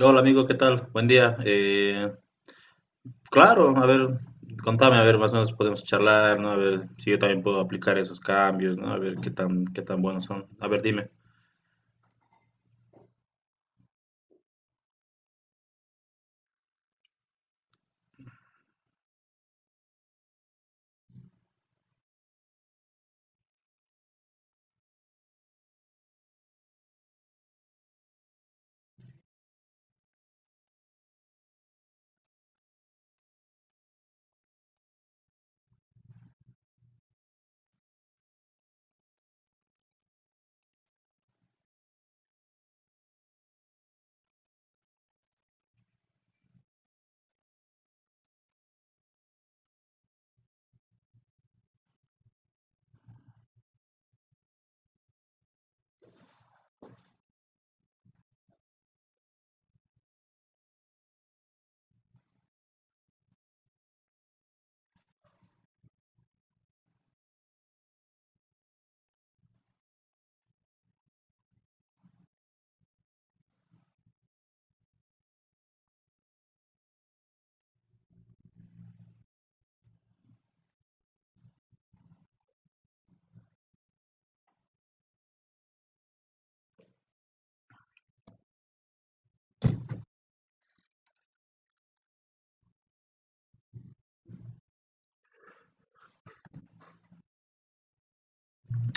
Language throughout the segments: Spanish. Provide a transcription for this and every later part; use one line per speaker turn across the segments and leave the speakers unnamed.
Hola amigo, ¿qué tal? Buen día. Claro, a ver, contame, a ver, más o menos podemos charlar, ¿no? A ver si yo también puedo aplicar esos cambios, ¿no? A ver qué tan buenos son. A ver, dime.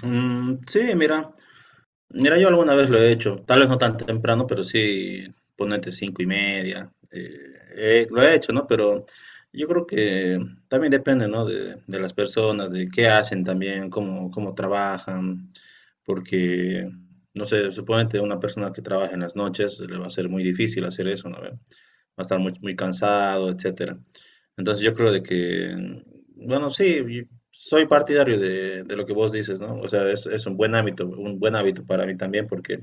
Mm, sí, mira. Mira, yo alguna vez lo he hecho, tal vez no tan temprano, pero sí, ponete cinco y media, lo he hecho, ¿no? Pero yo creo que también depende, ¿no? De las personas, de qué hacen también, cómo trabajan, porque, no sé, suponete una persona que trabaja en las noches, le va a ser muy difícil hacer eso, ¿no? A estar muy cansado, etcétera. Entonces yo creo de que, bueno, sí, yo soy partidario de lo que vos dices, ¿no? O sea, es un buen hábito para mí también, porque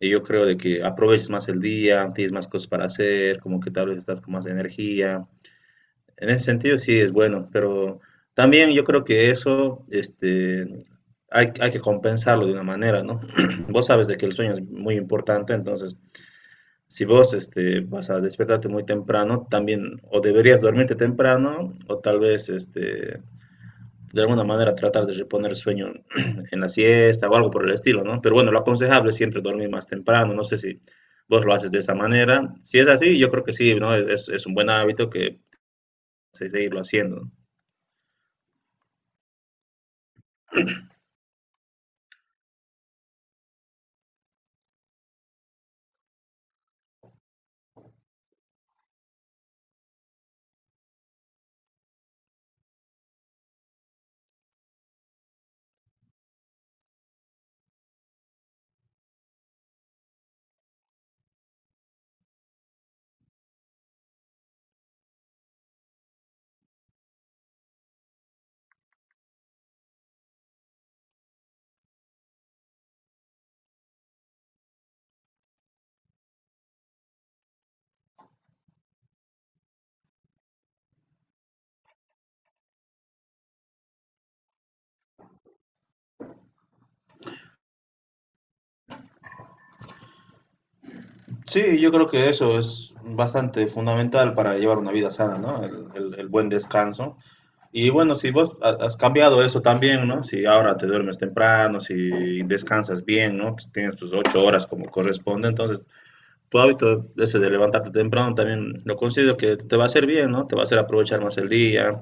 yo creo de que aproveches más el día, tienes más cosas para hacer, como que tal vez estás con más energía. En ese sentido sí es bueno, pero también yo creo que eso, este, hay que compensarlo de una manera, ¿no? Vos sabes de que el sueño es muy importante, entonces si vos este, vas a despertarte muy temprano, también o deberías dormirte temprano o tal vez este, de alguna manera tratar de reponer sueño en la siesta o algo por el estilo, ¿no? Pero bueno, lo aconsejable es siempre dormir más temprano, no sé si vos lo haces de esa manera. Si es así, yo creo que sí, ¿no? Es un buen hábito que se seguirlo haciendo. ¿No? Sí, yo creo que eso es bastante fundamental para llevar una vida sana, ¿no? El buen descanso. Y bueno, si vos has cambiado eso también, ¿no? Si ahora te duermes temprano, si descansas bien, ¿no? Que tienes tus 8 horas como corresponde, entonces tu hábito ese de levantarte temprano también lo considero que te va a hacer bien, ¿no? Te va a hacer aprovechar más el día,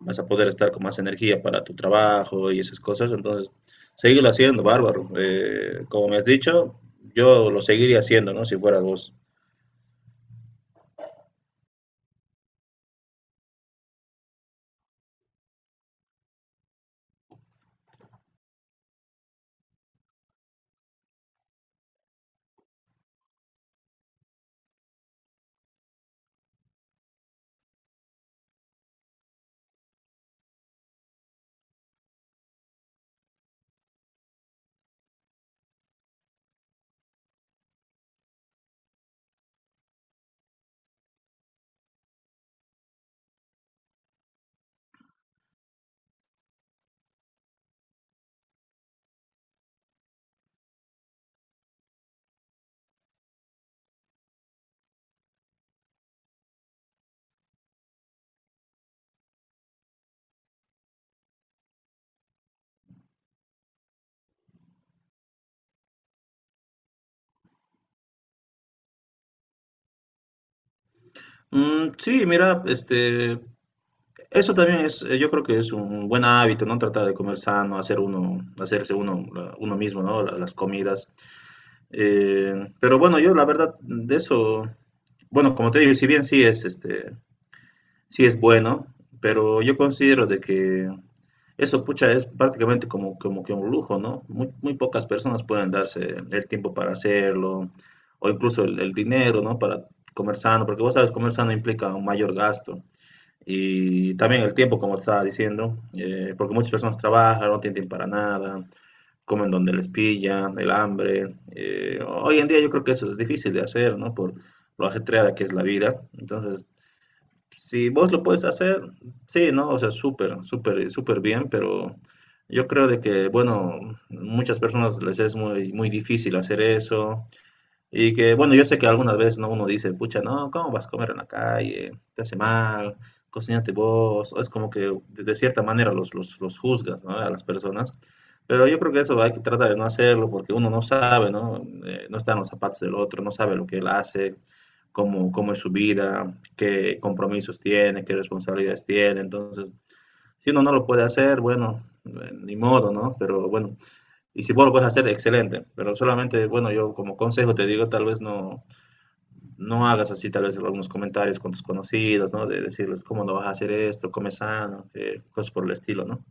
vas a poder estar con más energía para tu trabajo y esas cosas, entonces seguirlo haciendo, bárbaro. Como me has dicho, yo lo seguiría haciendo, ¿no? Si fuera vos. Mm, sí, mira, este, eso también es, yo creo que es un buen hábito, ¿no? Tratar de comer sano, hacer uno, hacerse uno, uno mismo, ¿no? Las comidas. Eh, pero bueno, yo la verdad de eso, bueno, como te digo, si bien sí es, este, sí es bueno, pero yo considero de que eso, pucha, es prácticamente como, como que un lujo, ¿no? Muy pocas personas pueden darse el tiempo para hacerlo, o incluso el dinero, ¿no? Para comer sano, porque vos sabes, comer sano implica un mayor gasto. Y también el tiempo, como estaba diciendo, porque muchas personas trabajan, no tienen tiempo para nada, comen donde les pillan el hambre. Hoy en día yo creo que eso es difícil de hacer, ¿no? Por lo ajetreada que es la vida. Entonces, si vos lo puedes hacer, sí, ¿no? O sea, súper bien, pero yo creo de que, bueno, muchas personas les es muy difícil hacer eso. Y que, bueno, yo sé que algunas veces ¿no? Uno dice, pucha, no, ¿cómo vas a comer en la calle? Te hace mal, cocínate vos. O es como que de cierta manera los juzgas, ¿no? A las personas. Pero yo creo que eso hay que tratar de no hacerlo porque uno no sabe, ¿no? No está en los zapatos del otro, no sabe lo que él hace, cómo es su vida, qué compromisos tiene, qué responsabilidades tiene. Entonces, si uno no lo puede hacer, bueno, ni modo, ¿no? Pero bueno, y si vos lo puedes hacer, excelente. Pero solamente, bueno, yo como consejo te digo, tal vez no, no hagas así, tal vez algunos comentarios con tus conocidos, ¿no? De decirles, ¿cómo no vas a hacer esto? Come sano, cosas por el estilo, ¿no?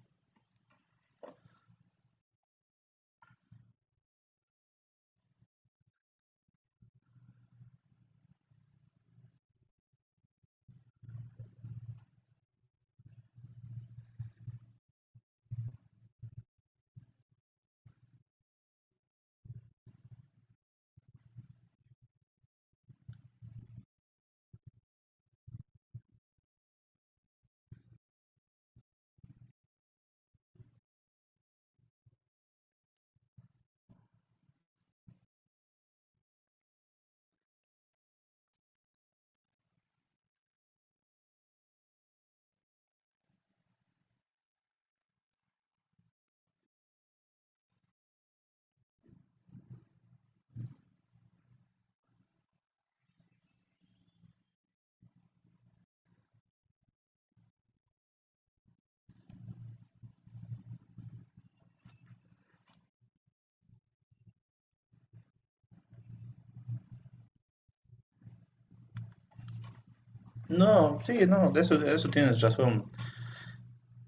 No, sí, no, de eso tienes razón.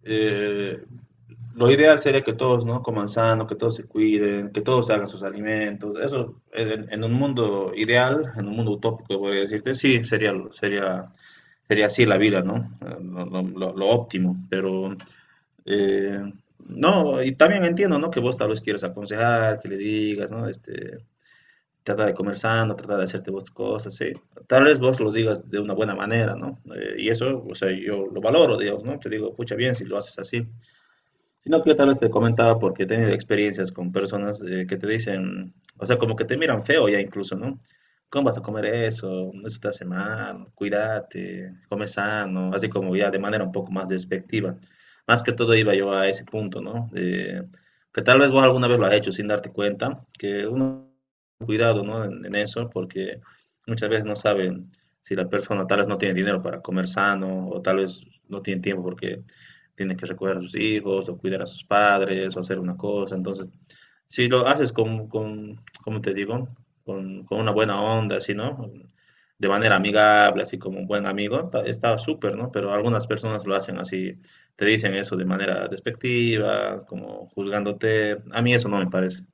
Eh, lo ideal sería que todos, ¿no? Coman sano, que todos se cuiden, que todos hagan sus alimentos. Eso, en un mundo ideal, en un mundo utópico, voy a decirte, sí, sería así la vida, ¿no? Lo óptimo, pero eh, no, y también entiendo, ¿no? Que vos tal vez quieras aconsejar, que le digas, ¿no? Este, trata de comer sano, trata de hacerte vos cosas, sí. Tal vez vos lo digas de una buena manera, ¿no? Y eso, o sea, yo lo valoro, Dios, ¿no? Te digo, pucha, bien si lo haces así. Sino que tal vez te comentaba porque he tenido experiencias con personas que te dicen, o sea, como que te miran feo ya incluso, ¿no? ¿Cómo vas a comer eso? Eso te hace mal, cuídate, come sano, así como ya de manera un poco más despectiva. Más que todo iba yo a ese punto, ¿no? Que tal vez vos alguna vez lo has hecho sin darte cuenta, que uno cuidado, ¿no? En eso, porque muchas veces no saben si la persona tal vez no tiene dinero para comer sano o tal vez no tiene tiempo porque tiene que recordar a sus hijos o cuidar a sus padres o hacer una cosa. Entonces, si lo haces con ¿cómo te digo? Con una buena onda, así, ¿no? De manera amigable, así como un buen amigo, está súper, ¿no? Pero algunas personas lo hacen así, te dicen eso de manera despectiva, como juzgándote. A mí eso no me parece.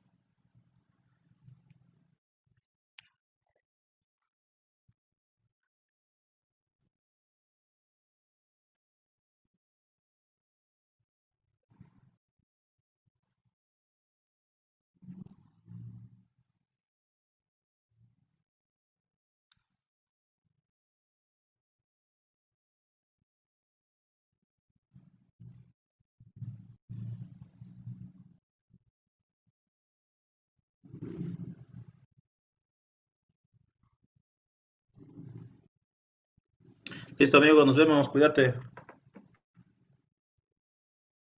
Listo, amigo, nos vemos, cuídate.